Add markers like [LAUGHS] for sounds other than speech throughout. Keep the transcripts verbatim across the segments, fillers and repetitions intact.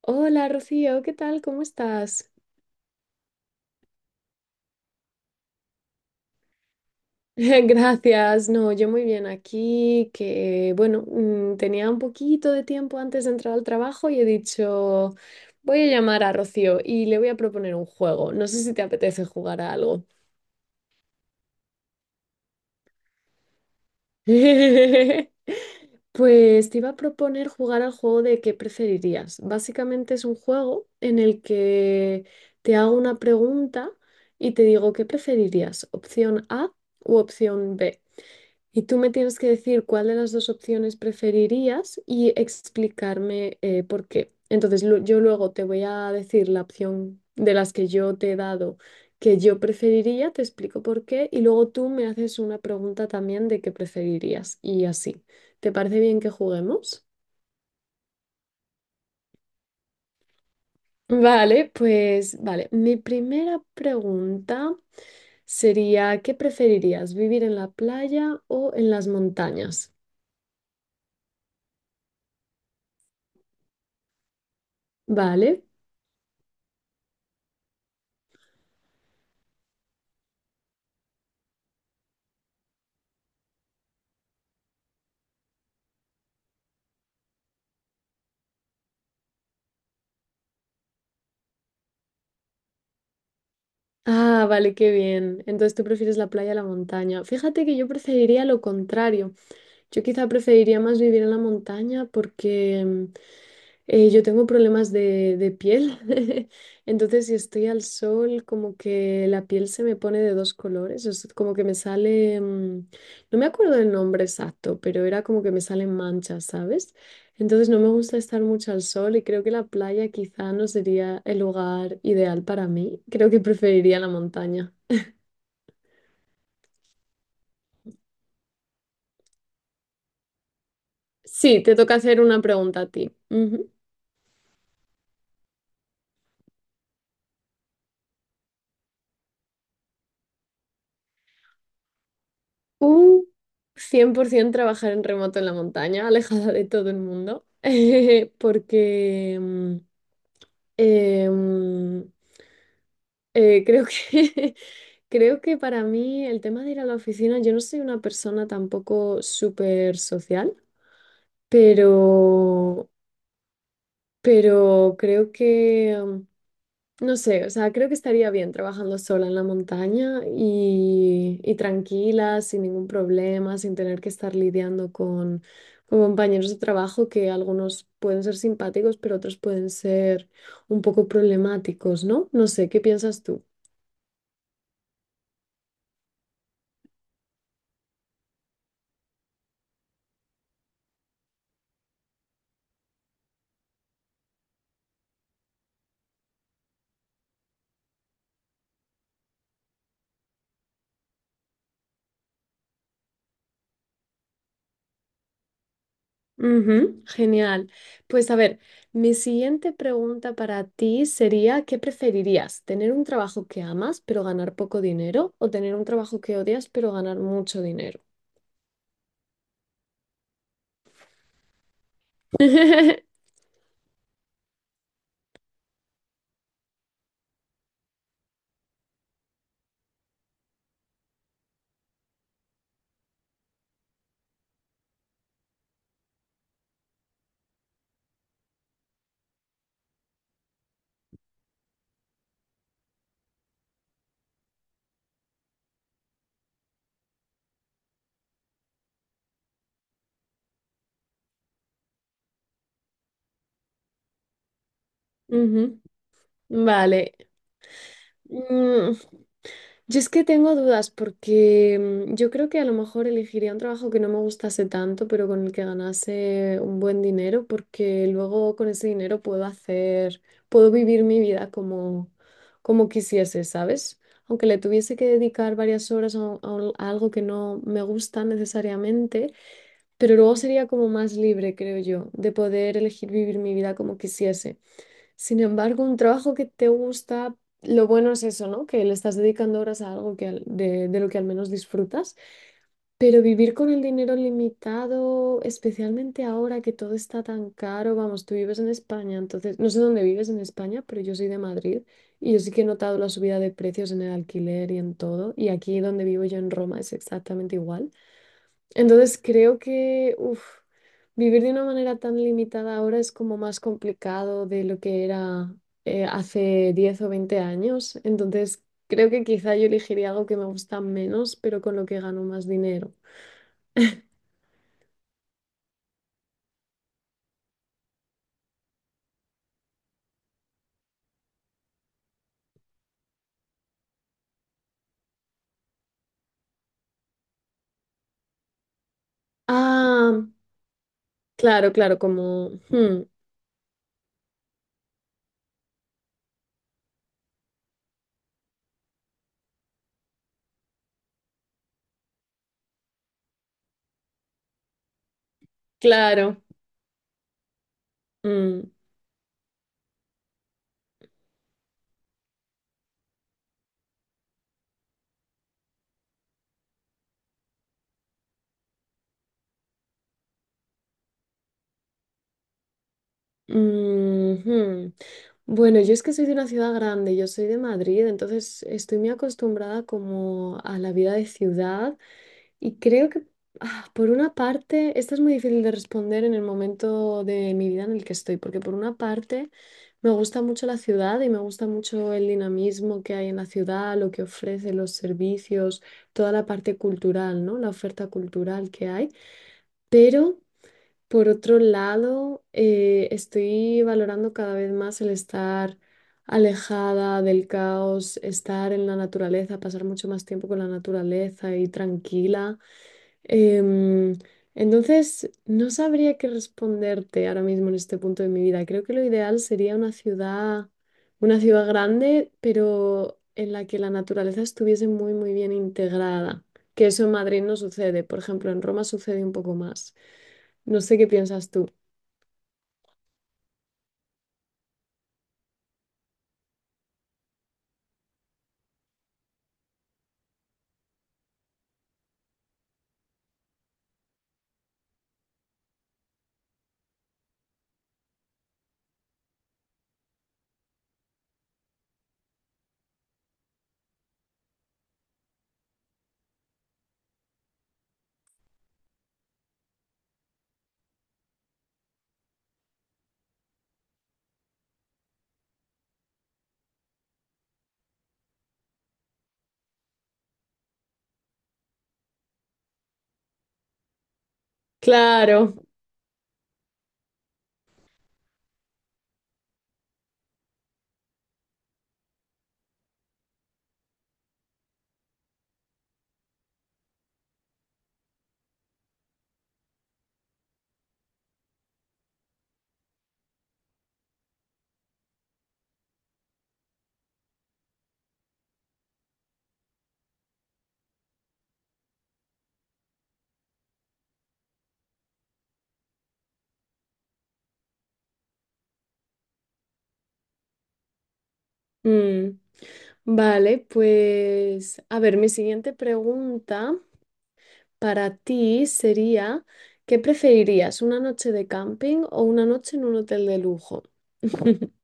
Hola Rocío, ¿qué tal? ¿Cómo estás? [LAUGHS] Gracias, no, yo muy bien aquí, que bueno, mm, tenía un poquito de tiempo antes de entrar al trabajo y he dicho, voy a llamar a Rocío y le voy a proponer un juego. No sé si te apetece jugar a algo. [LAUGHS] Pues te iba a proponer jugar al juego de qué preferirías. Básicamente es un juego en el que te hago una pregunta y te digo qué preferirías, opción A u opción B. Y tú me tienes que decir cuál de las dos opciones preferirías y explicarme eh, por qué. Entonces, lu- yo luego te voy a decir la opción de las que yo te he dado que yo preferiría, te explico por qué, y luego tú me haces una pregunta también de qué preferirías y así. ¿Te parece bien que juguemos? Vale, pues vale. Mi primera pregunta sería, ¿qué preferirías, vivir en la playa o en las montañas? Vale. Ah, vale, qué bien. Entonces tú prefieres la playa a la montaña. Fíjate que yo preferiría lo contrario. Yo quizá preferiría más vivir en la montaña porque mm, eh, yo tengo problemas de, de piel, [LAUGHS] entonces si estoy al sol, como que la piel se me pone de dos colores, es como que me sale, mm, no me acuerdo del nombre exacto, pero era como que me salen manchas, ¿sabes? Entonces no me gusta estar mucho al sol y creo que la playa quizá no sería el lugar ideal para mí, creo que preferiría la montaña. Sí, te toca hacer una pregunta a ti. Uh, cien por ciento trabajar en remoto en la montaña, alejada de todo el mundo, [LAUGHS] eh, porque mm, eh, mm, eh, creo que, [LAUGHS] creo que para mí el tema de ir a la oficina, yo no soy una persona tampoco súper social, pero, pero creo que mm, no sé, o sea, creo que estaría bien trabajando sola en la montaña y, y tranquila, sin ningún problema, sin tener que estar lidiando con, con compañeros de trabajo que algunos pueden ser simpáticos, pero otros pueden ser un poco problemáticos, ¿no? No sé, ¿qué piensas tú? Ujú, genial. Pues a ver, mi siguiente pregunta para ti sería, ¿qué preferirías? ¿Tener un trabajo que amas pero ganar poco dinero o tener un trabajo que odias pero ganar mucho dinero? [LAUGHS] Ujú. Vale. Mm, yo es que tengo dudas porque mm, yo creo que a lo mejor elegiría un trabajo que no me gustase tanto, pero con el que ganase un buen dinero, porque luego con ese dinero puedo hacer, puedo vivir mi vida como, como quisiese, ¿sabes? Aunque le tuviese que dedicar varias horas a, a un- a algo que no me gusta necesariamente, pero luego sería como más libre, creo yo, de poder elegir vivir mi vida como quisiese. Sin embargo, un trabajo que te gusta, lo bueno es eso, ¿no? Que le estás dedicando horas a algo que al- de, de lo que al menos disfrutas. Pero vivir con el dinero limitado, especialmente ahora que todo está tan caro, vamos, tú vives en España, entonces, no sé dónde vives en España, pero yo soy de Madrid y yo sí que he notado la subida de precios en el alquiler y en todo. Y aquí donde vivo yo en Roma es exactamente igual. Entonces creo que uf, vivir de una manera tan limitada ahora es como más complicado de lo que era eh, hace diez o veinte años. Entonces creo que quizá yo elegiría algo que me gusta menos, pero con lo que gano más dinero. Ah, claro, claro, como... hmm, claro. mm, mm, hmm. Bueno, yo es que soy de una ciudad grande, yo soy de Madrid, entonces estoy muy acostumbrada como a la vida de ciudad. Y creo que, ah, por una parte, esta es muy difícil de responder en el momento de mi vida en el que estoy, porque por una parte me gusta mucho la ciudad y me gusta mucho el dinamismo que hay en la ciudad, lo que ofrece, los servicios, toda la parte cultural, ¿no? La oferta cultural que hay. Pero, por otro lado, eh, estoy valorando cada vez más el estar alejada del caos, estar en la naturaleza, pasar mucho más tiempo con la naturaleza y tranquila. Em, entonces, no sabría qué responderte ahora mismo en este punto de mi vida. Creo que lo ideal sería una ciudad, una ciudad grande, pero en la que la naturaleza estuviese muy, muy bien integrada. Que eso en Madrid no sucede. Por ejemplo, en Roma sucede un poco más. No sé qué piensas tú. Claro. Mm. Vale, pues a ver, mi siguiente pregunta para ti sería, ¿qué preferirías? ¿Una noche de camping o una noche en un hotel de lujo? [LAUGHS]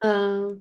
Ah,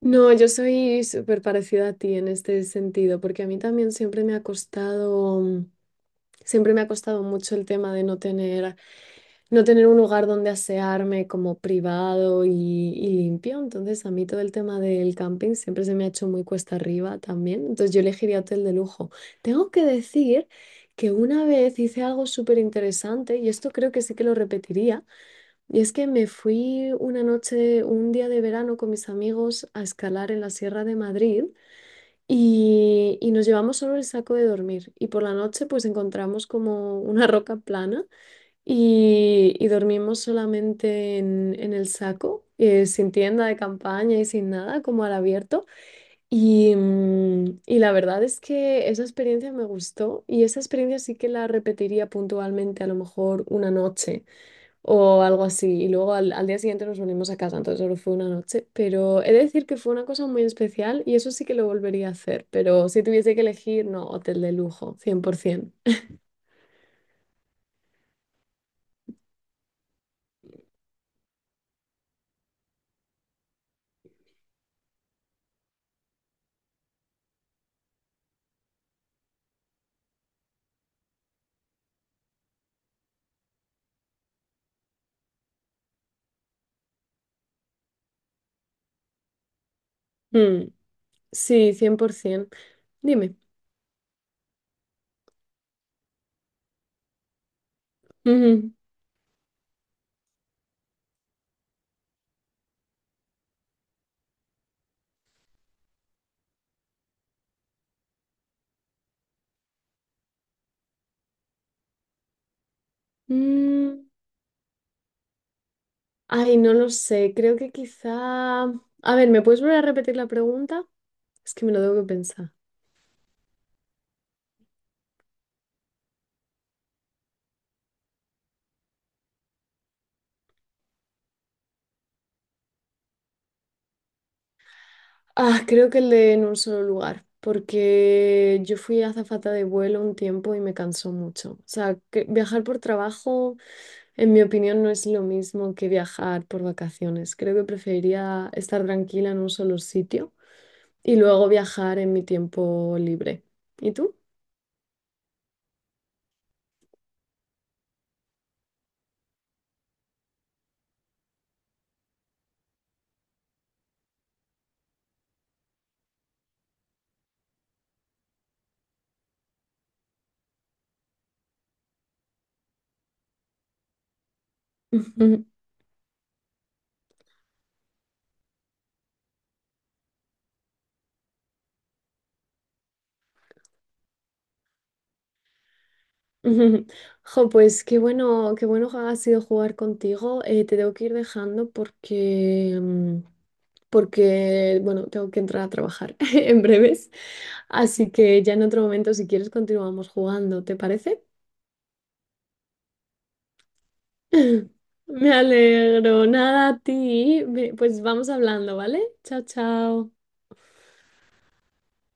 no, yo soy súper parecida a ti en este sentido, porque a mí también siempre me ha costado, siempre me ha costado mucho el tema de no tener no tener un lugar donde asearme como privado y, y limpio. Entonces, a mí todo el tema del camping siempre se me ha hecho muy cuesta arriba también. Entonces, yo elegiría hotel de lujo. Tengo que decir que una vez hice algo súper interesante y esto creo que sí que lo repetiría. Y es que me fui una noche, un día de verano con mis amigos a escalar en la Sierra de Madrid. Y, y nos llevamos solo el saco de dormir y por la noche pues encontramos como una roca plana y, y dormimos solamente en, en el saco, eh, sin tienda de campaña y sin nada, como al abierto. Y, mm, y la verdad es que esa experiencia me gustó y esa experiencia sí que la repetiría puntualmente, a lo mejor una noche o algo así. Y luego al, al día siguiente nos volvimos a casa, entonces solo fue una noche. Pero he de decir que fue una cosa muy especial y eso sí que lo volvería a hacer. Pero si tuviese que elegir, no, hotel de lujo, cien por ciento. Mm, sí, cien por ciento. Dime. Mm, ay, no lo sé. Creo que quizá... A ver, ¿me puedes volver a repetir la pregunta? Es que me lo tengo que pensar. Ah, creo que el de en un solo lugar, porque yo fui azafata de vuelo un tiempo y me cansó mucho. O sea, que viajar por trabajo, en mi opinión, no es lo mismo que viajar por vacaciones. Creo que preferiría estar tranquila en un solo sitio y luego viajar en mi tiempo libre. ¿Y tú? [LAUGHS] Ujú. Jo, pues qué bueno, qué bueno ha sido jugar contigo. Eh, te tengo que ir dejando porque, mm, porque, bueno, tengo que entrar a trabajar [LAUGHS] en breves. Así que ya en otro momento, si quieres, continuamos jugando, ¿te parece? [LAUGHS] Me alegro. Nada a ti. Ve- Pues vamos hablando, ¿vale? Chao, chao.